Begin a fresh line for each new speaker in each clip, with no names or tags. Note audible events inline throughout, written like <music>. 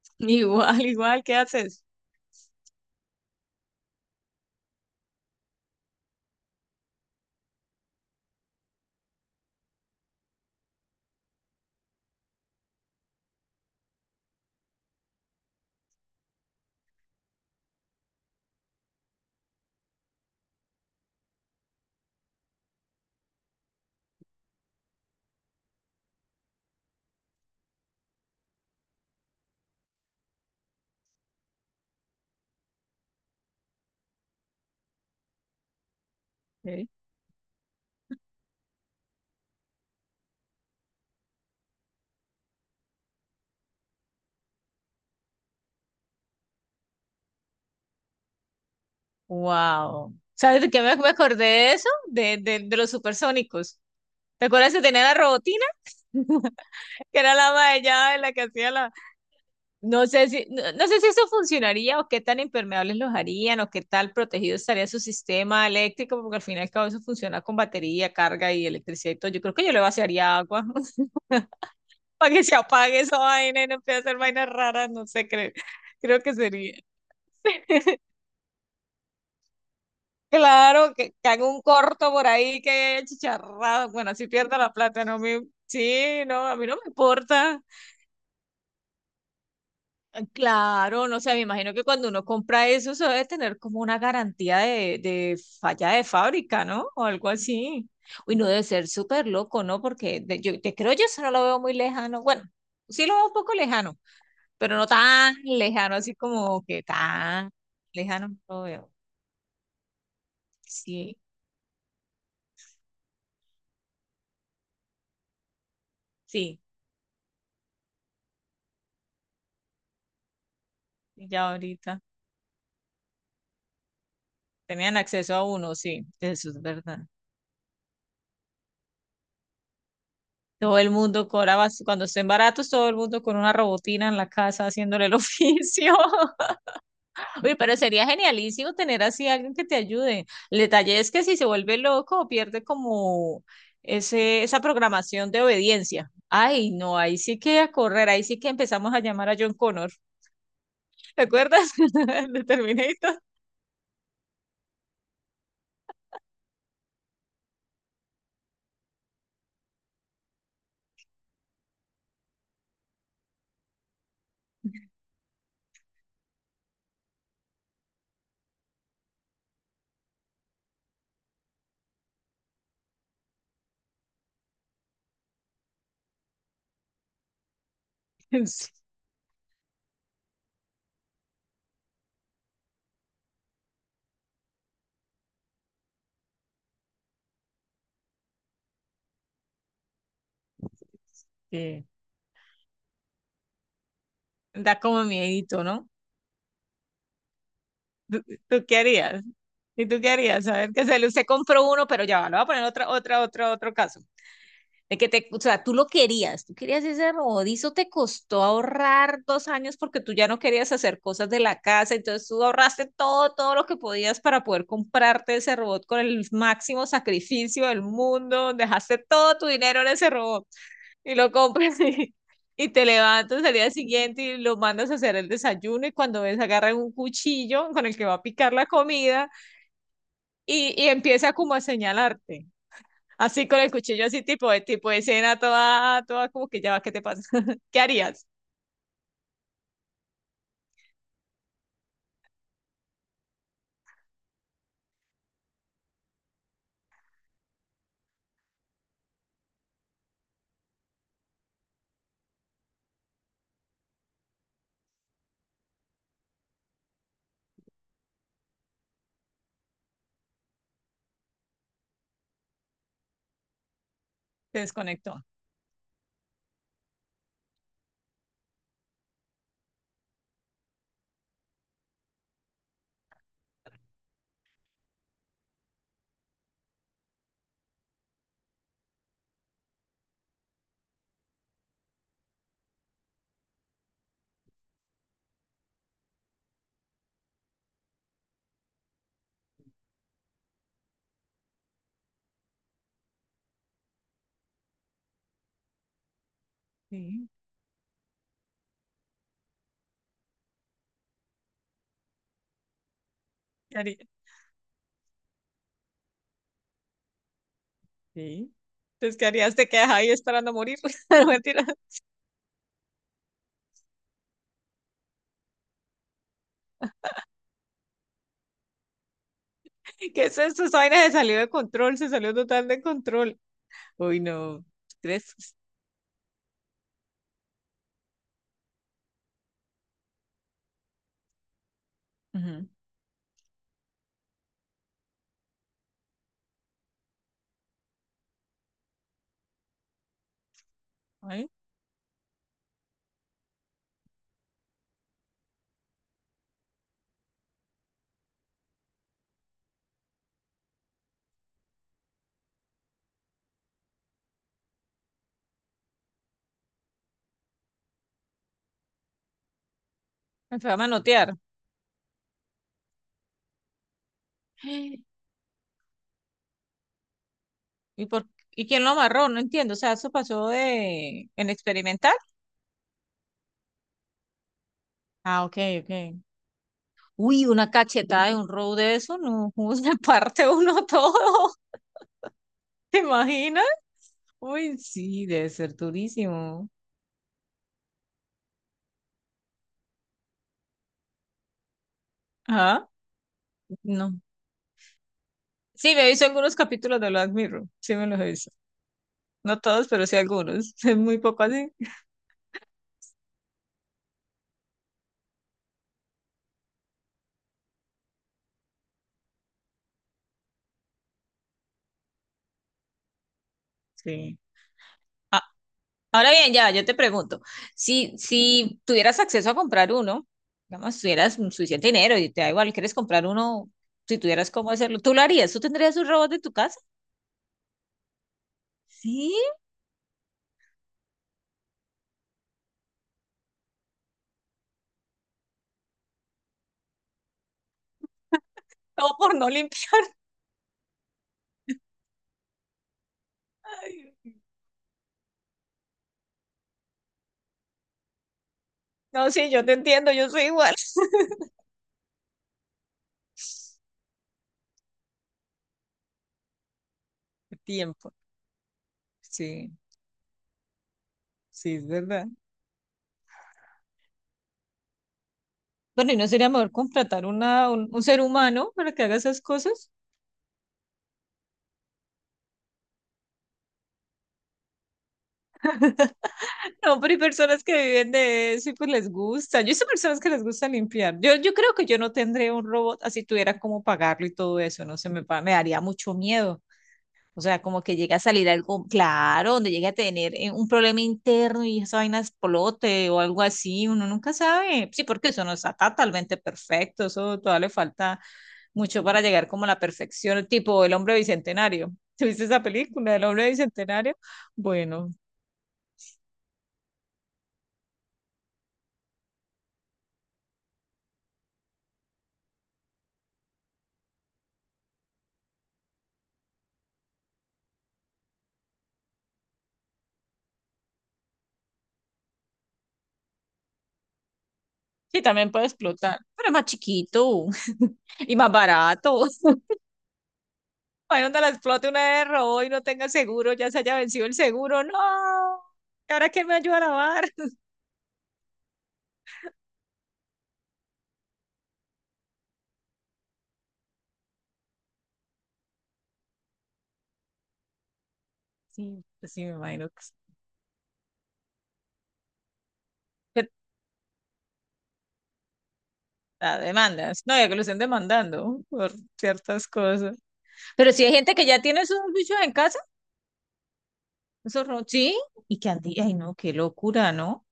<laughs> Igual, igual, ¿qué haces? ¿Eh? Wow. ¿Sabes de qué me acordé de eso? De los supersónicos. ¿Te acuerdas que tenía la robotina? <laughs> Que era la ama de llave, la que hacía la... No sé si, no, no sé si eso funcionaría o qué tan impermeables los harían o qué tal protegido estaría su sistema eléctrico, porque al fin y al cabo eso funciona con batería, carga y electricidad y todo. Yo creo que yo le vaciaría agua <laughs> para que se apague esa vaina y no empiece a hacer vainas raras, no sé, creo, creo que sería. Claro, que haga un corto por ahí, que chicharrado. Bueno, si pierda la plata, no me. Sí, no, a mí no me importa. Claro, no sé, me imagino que cuando uno compra eso, eso debe tener como una garantía de falla de fábrica, ¿no? O algo así. Uy, no debe ser súper loco, ¿no? Porque yo te creo, yo eso no lo veo muy lejano. Bueno, sí lo veo un poco lejano, pero no tan lejano, así como que tan lejano no lo veo. Sí, sí, ya ahorita. Tenían acceso a uno, sí, eso es verdad. Todo el mundo cobraba, cuando estén baratos, todo el mundo con una robotina en la casa haciéndole el <laughs> oficio. Uy, pero sería genialísimo tener así alguien que te ayude. El detalle es que si se vuelve loco, pierde como esa programación de obediencia. Ay, no, ahí sí que a correr, ahí sí que empezamos a llamar a John Connor. ¿Te acuerdas? <laughs> De Terminator. <laughs> Sí. Da como miedito, ¿no? ¿Tú, tú qué harías? ¿Y tú qué harías? Saber que usted compró uno, pero ya va, le voy a poner otro caso. De que te, o sea, tú lo querías, tú querías ese rodillo. Te costó ahorrar dos años porque tú ya no querías hacer cosas de la casa, entonces tú ahorraste todo, todo lo que podías para poder comprarte ese robot con el máximo sacrificio del mundo, dejaste todo tu dinero en ese robot y lo compras <laughs> y te levantas al día siguiente y lo mandas a hacer el desayuno y cuando ves agarran un cuchillo con el que va a picar la comida y empieza como a señalarte. Así con el cuchillo, así tipo de escena, toda, toda como que ya va, ¿qué te pasa? <laughs> ¿Qué harías? Te desconectó. Sí. ¿Qué haría? Sí. Entonces, ¿qué harías? ¿Te quedas ahí esperando a morir? <laughs> No, mentira. ¿Qué es esto? Esa vaina se salió de control, se salió total de control. Uy, no. ¿Crees? Ujú. Ay, me fue a manotear. <gasps> ¿Y por, y quién lo amarró? No entiendo. O sea, eso pasó de en experimental. Ah, ok, ok. Uy, una cachetada de un row de eso, no, <laughs> ¿cómo se parte uno todo? <laughs> ¿Te imaginas? Uy, sí, debe ser durísimo. Ajá, no. Sí, me he visto algunos capítulos de Black Mirror, sí me los he visto. No todos, pero sí algunos. <laughs> Es muy poco así. Sí. Ah, ahora bien, ya, yo te pregunto, si, si tuvieras acceso a comprar uno, digamos, tuvieras suficiente dinero y te da igual, quieres comprar uno, si tuvieras cómo hacerlo, ¿tú lo harías? ¿Tú tendrías un robot de tu casa? Sí, o por no limpiar. <laughs> No, sí, yo te entiendo, yo soy igual. <laughs> Tiempo, sí, sí, es verdad. Bueno, ¿y no sería mejor contratar un ser humano para que haga esas cosas? No, pero hay personas que viven de eso y pues les gusta. Yo sé personas que les gusta limpiar. Yo creo que yo no tendría un robot así tuviera cómo pagarlo y todo eso, no sé, me, me daría mucho miedo. O sea, como que llega a salir algo, claro, donde llegue a tener un problema interno y esa vaina explote o algo así, uno nunca sabe. Sí, porque eso no está totalmente perfecto, eso todavía le falta mucho para llegar como a la perfección, tipo el hombre bicentenario. <laughs> ¿Te viste esa película del hombre bicentenario? Bueno, sí, también puede explotar, pero es más chiquito <laughs> y más barato. <laughs> Ahí donde la explote una vez de robo y no tenga seguro, ya se haya vencido el seguro, no. ¿Y ahora quién me ayuda a lavar? <laughs> Sí, pues sí, me imagino que sí, que la demandas, no, ya que lo estén demandando por ciertas cosas. Pero si hay gente que ya tiene esos bichos en casa, sí, y que al día, ay no, qué locura, ¿no?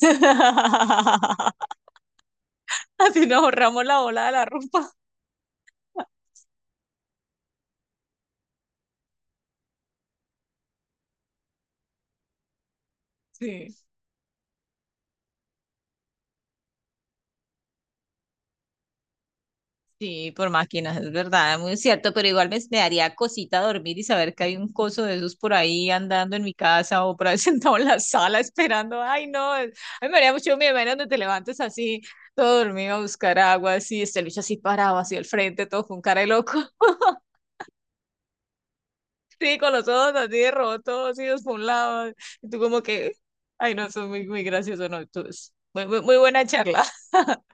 <laughs> Así nos ahorramos la bola de la ropa. Sí. Sí, por máquinas, es verdad, muy cierto, pero igual me, me daría cosita dormir y saber que hay un coso de esos por ahí andando en mi casa o por ahí <laughs> sentado en la sala esperando. Ay, no, a mí me haría mucho miedo, menos donde te levantes así, todo dormido a buscar agua, así, este lucha así parado, así al frente, todo con cara de loco. <laughs> Sí, con los ojos así de rotos, así dos por un lado. Y tú como que, ay, no, eso es muy, muy gracioso, no, tú, es muy, muy, muy buena charla. <laughs>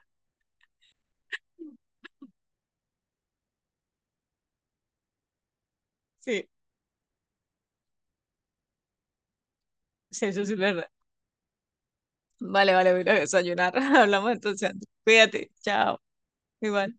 Sí, sí, eso sí es verdad. Vale, vale, voy a ir a desayunar. <laughs> Hablamos entonces. Antes. Cuídate, chao. Igual.